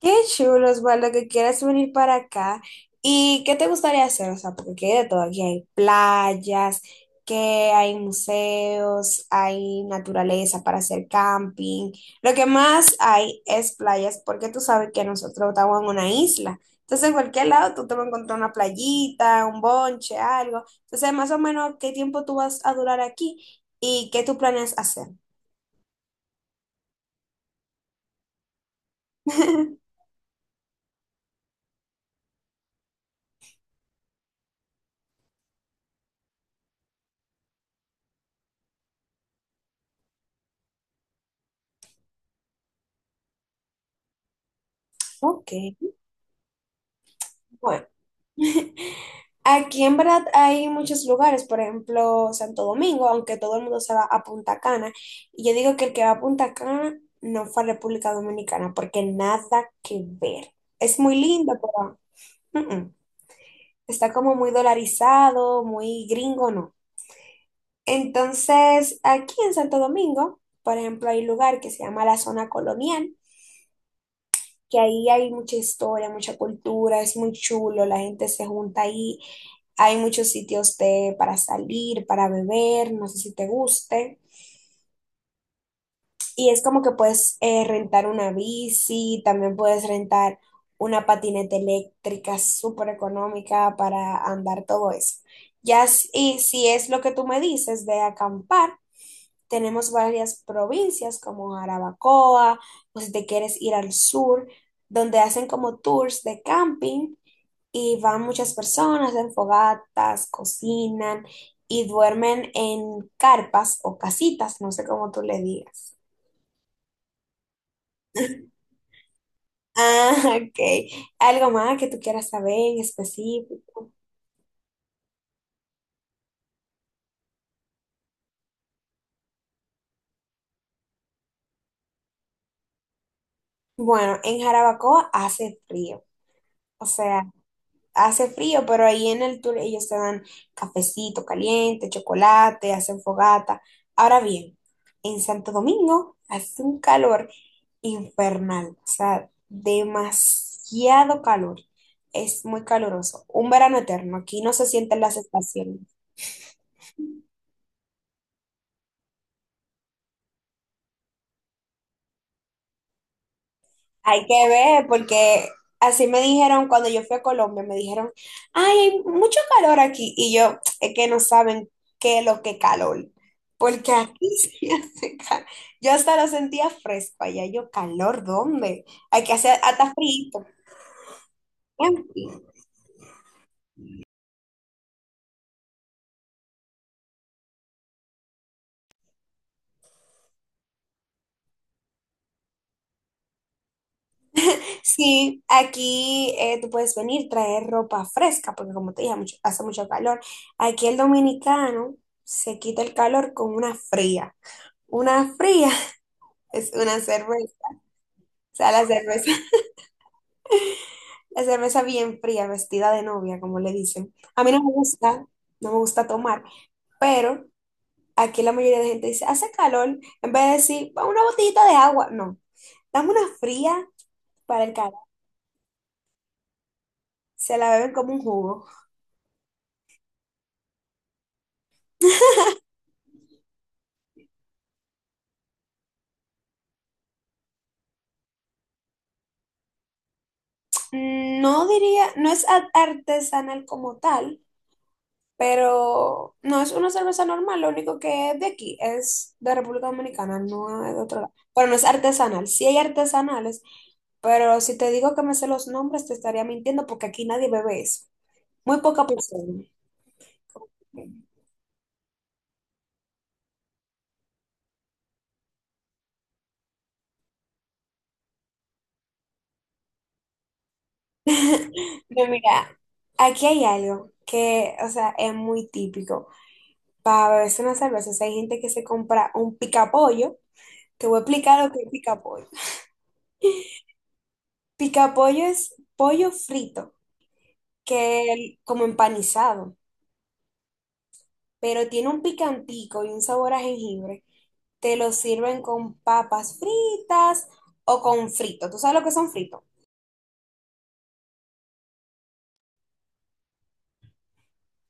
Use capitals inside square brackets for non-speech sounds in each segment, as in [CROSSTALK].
Qué chulo, Osvaldo, que quieras venir para acá. ¿Y qué te gustaría hacer? O sea, porque aquí hay de todo. Aquí hay playas, que hay museos, hay naturaleza para hacer camping. Lo que más hay es playas, porque tú sabes que nosotros estamos en una isla. Entonces, en cualquier lado tú te vas a encontrar una playita, un bonche, algo. Entonces, más o menos, ¿qué tiempo tú vas a durar aquí y qué tú planeas hacer? [LAUGHS] Ok, bueno. [LAUGHS] Aquí en verdad hay muchos lugares, por ejemplo, Santo Domingo, aunque todo el mundo se va a Punta Cana. Y yo digo que el que va a Punta Cana no fue a República Dominicana, porque nada que ver. Es muy lindo, pero mm, mm. Está como muy dolarizado, muy gringo, no. Entonces, aquí en Santo Domingo, por ejemplo, hay un lugar que se llama la zona colonial, que ahí hay mucha historia, mucha cultura, es muy chulo, la gente se junta ahí. Hay muchos sitios de, para salir, para beber, no sé si te guste. Y es como que puedes rentar una bici, también puedes rentar una patineta eléctrica súper económica para andar todo eso. Ya si, y si es lo que tú me dices de acampar, tenemos varias provincias como Jarabacoa, o si te quieres ir al sur, donde hacen como tours de camping y van muchas personas, hacen fogatas, cocinan y duermen en carpas o casitas, no sé cómo tú le digas. [LAUGHS] Ah, ok. ¿Algo más que tú quieras saber en específico? Bueno, en Jarabacoa hace frío, o sea... hace frío, pero ahí en el tour ellos te dan cafecito caliente, chocolate, hacen fogata. Ahora bien, en Santo Domingo hace un calor infernal, o sea, demasiado calor. Es muy caluroso. Un verano eterno. Aquí no se sienten las estaciones. Hay que ver, porque así me dijeron cuando yo fui a Colombia, me dijeron, ay, hay mucho calor aquí. Y yo, es que no saben qué es lo que calor. Porque aquí [LAUGHS] sí hace calor. Yo hasta lo sentía fresco allá. Yo, calor, ¿dónde? Hay que hacer hasta frío, bien frío. Sí, aquí tú puedes venir, traer ropa fresca, porque como te dije, hace mucho calor. Aquí el dominicano se quita el calor con una fría. Una fría [LAUGHS] es una cerveza. O sea, la cerveza, [LAUGHS] la cerveza bien fría, vestida de novia, como le dicen. A mí no me gusta, no me gusta tomar, pero aquí la mayoría de gente dice, hace calor, en vez de decir, "Pa, una botellita de agua, no, dame una fría para el calor". Se la beben como un jugo. Mm, no diría, no es artesanal como tal, pero no es una cerveza normal, lo único que es de aquí, es de República Dominicana, no es de otro lado. Pero no es artesanal, sí hay artesanales, pero si te digo que me sé los nombres, te estaría mintiendo porque aquí nadie bebe eso. Muy poca persona. [LAUGHS] No, mira, aquí hay algo que, o sea, es muy típico. Para beberse una cerveza, o sea, hay gente que se compra un picapollo. Te voy a explicar lo que es picapollo. Picapollo es pollo frito, como empanizado, pero tiene un picantico y un sabor a jengibre. Te lo sirven con papas fritas o con frito. ¿Tú sabes lo que son fritos?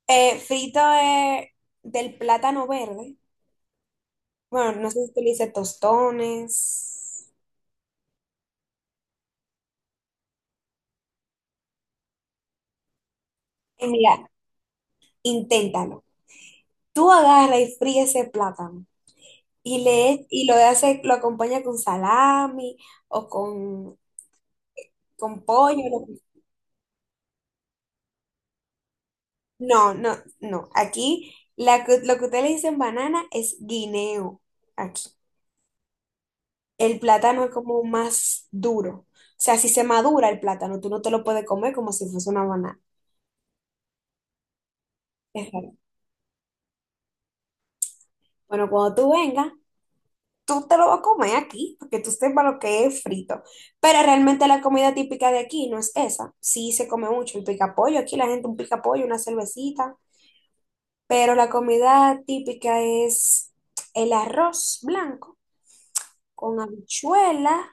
Eh, frito de- del plátano verde. Bueno, no sé si tú le dices tostones. Mira, inténtalo. Tú agarra y fríe ese plátano y, y lo acompaña con salami o con pollo. No, no, no. Aquí lo que ustedes le dicen banana es guineo. Aquí. El plátano es como más duro. O sea, si se madura el plátano, tú no te lo puedes comer como si fuese una banana. Es raro. Bueno, cuando tú vengas, tú te lo vas a comer aquí, porque tú sepas lo que es frito. Pero realmente la comida típica de aquí no es esa. Sí se come mucho el picapollo, aquí la gente un picapollo, una cervecita, pero la comida típica es el arroz blanco con habichuela,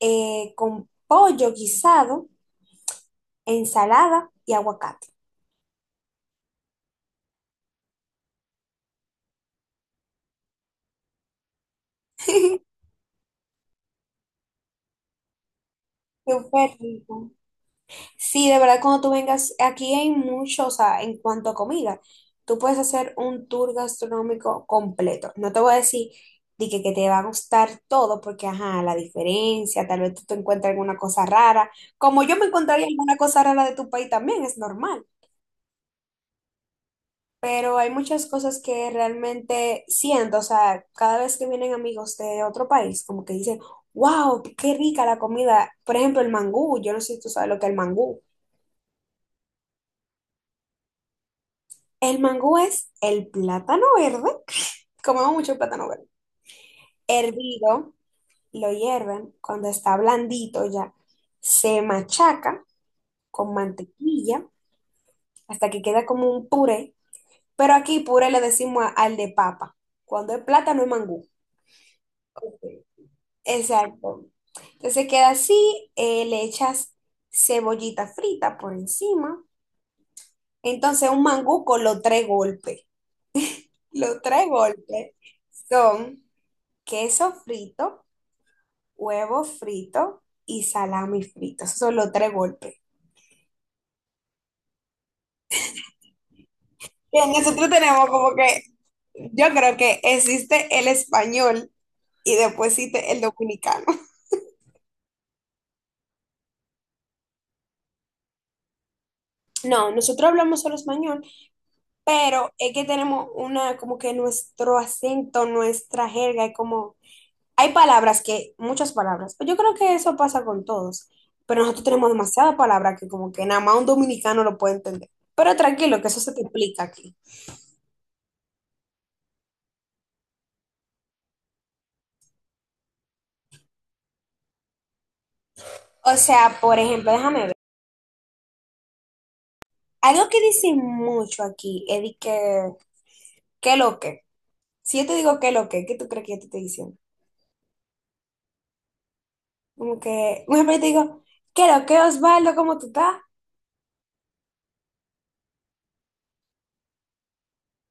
con pollo guisado, ensalada y aguacate. [LAUGHS] Súper rico. Sí, de verdad, cuando tú vengas, aquí hay mucho, o sea, en cuanto a comida, tú puedes hacer un tour gastronómico completo. No te voy a decir de que te va a gustar todo, porque, ajá, la diferencia, tal vez tú te encuentres alguna cosa rara, como yo me encontraría alguna cosa rara de tu país también, es normal. Pero hay muchas cosas que realmente siento, o sea, cada vez que vienen amigos de otro país, como que dicen, wow, qué rica la comida. Por ejemplo, el mangú, yo no sé si tú sabes lo que es el mangú. El mangú es el plátano verde. Comemos mucho plátano verde. Hervido, lo hierven. Cuando está blandito ya, se machaca con mantequilla hasta que queda como un puré. Pero aquí puré le decimos al de papa. Cuando es plátano es mangú. Exacto. Entonces queda así, le echas cebollita frita por encima. Entonces un mangú con los tres golpes. Los tres golpes son queso frito, huevo frito y salami frito. Esos son los tres golpes. Bien, nosotros tenemos como que, yo creo que existe el español y después existe el dominicano. No, nosotros hablamos solo español, pero es que tenemos una, como que nuestro acento, nuestra jerga, es como, hay palabras que, muchas palabras, yo creo que eso pasa con todos, pero nosotros tenemos demasiadas palabras que como que nada más un dominicano lo puede entender. Pero tranquilo, que eso se te explica aquí. O sea, por ejemplo, déjame ver. Algo que dicen mucho aquí es de que, ¿qué lo que? Si yo te digo qué lo que, ¿qué tú crees que yo te estoy diciendo? Como que, por ejemplo, yo te digo, ¿qué lo que, Osvaldo? ¿Cómo tú estás?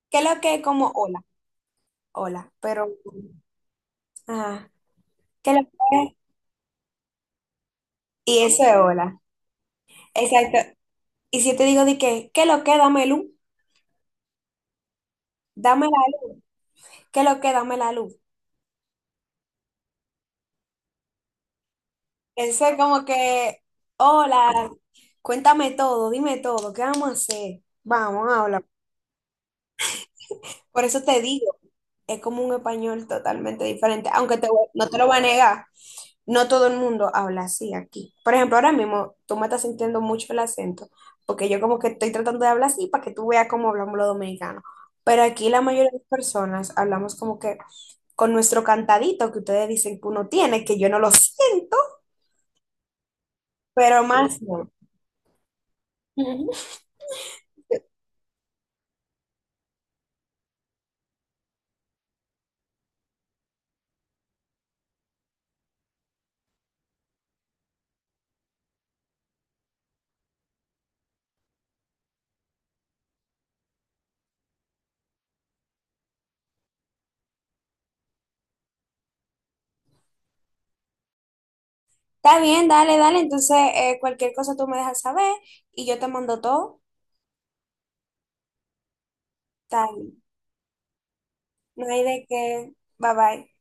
¿Qué lo que? Como, hola, hola. Pero, ajá, ¿qué lo que? Y eso es hola. Exacto. Y si yo te digo de que, ¿qué lo que? Dame luz, dame la luz, ¿qué lo que? Dame la luz. Eso es como que, hola, cuéntame todo, dime todo, ¿qué vamos a hacer? Vamos, habla. Por eso te digo, es como un español totalmente diferente, aunque no te lo voy a negar, no todo el mundo habla así aquí. Por ejemplo, ahora mismo tú me estás sintiendo mucho el acento, porque yo como que estoy tratando de hablar así para que tú veas cómo hablamos los dominicanos. Pero aquí la mayoría de las personas hablamos como que con nuestro cantadito que ustedes dicen que uno tiene, que yo no lo siento, pero más no. Ujú. Está bien, dale, dale. Entonces, cualquier cosa tú me dejas saber y yo te mando todo. Está bien. No hay de qué. Bye bye.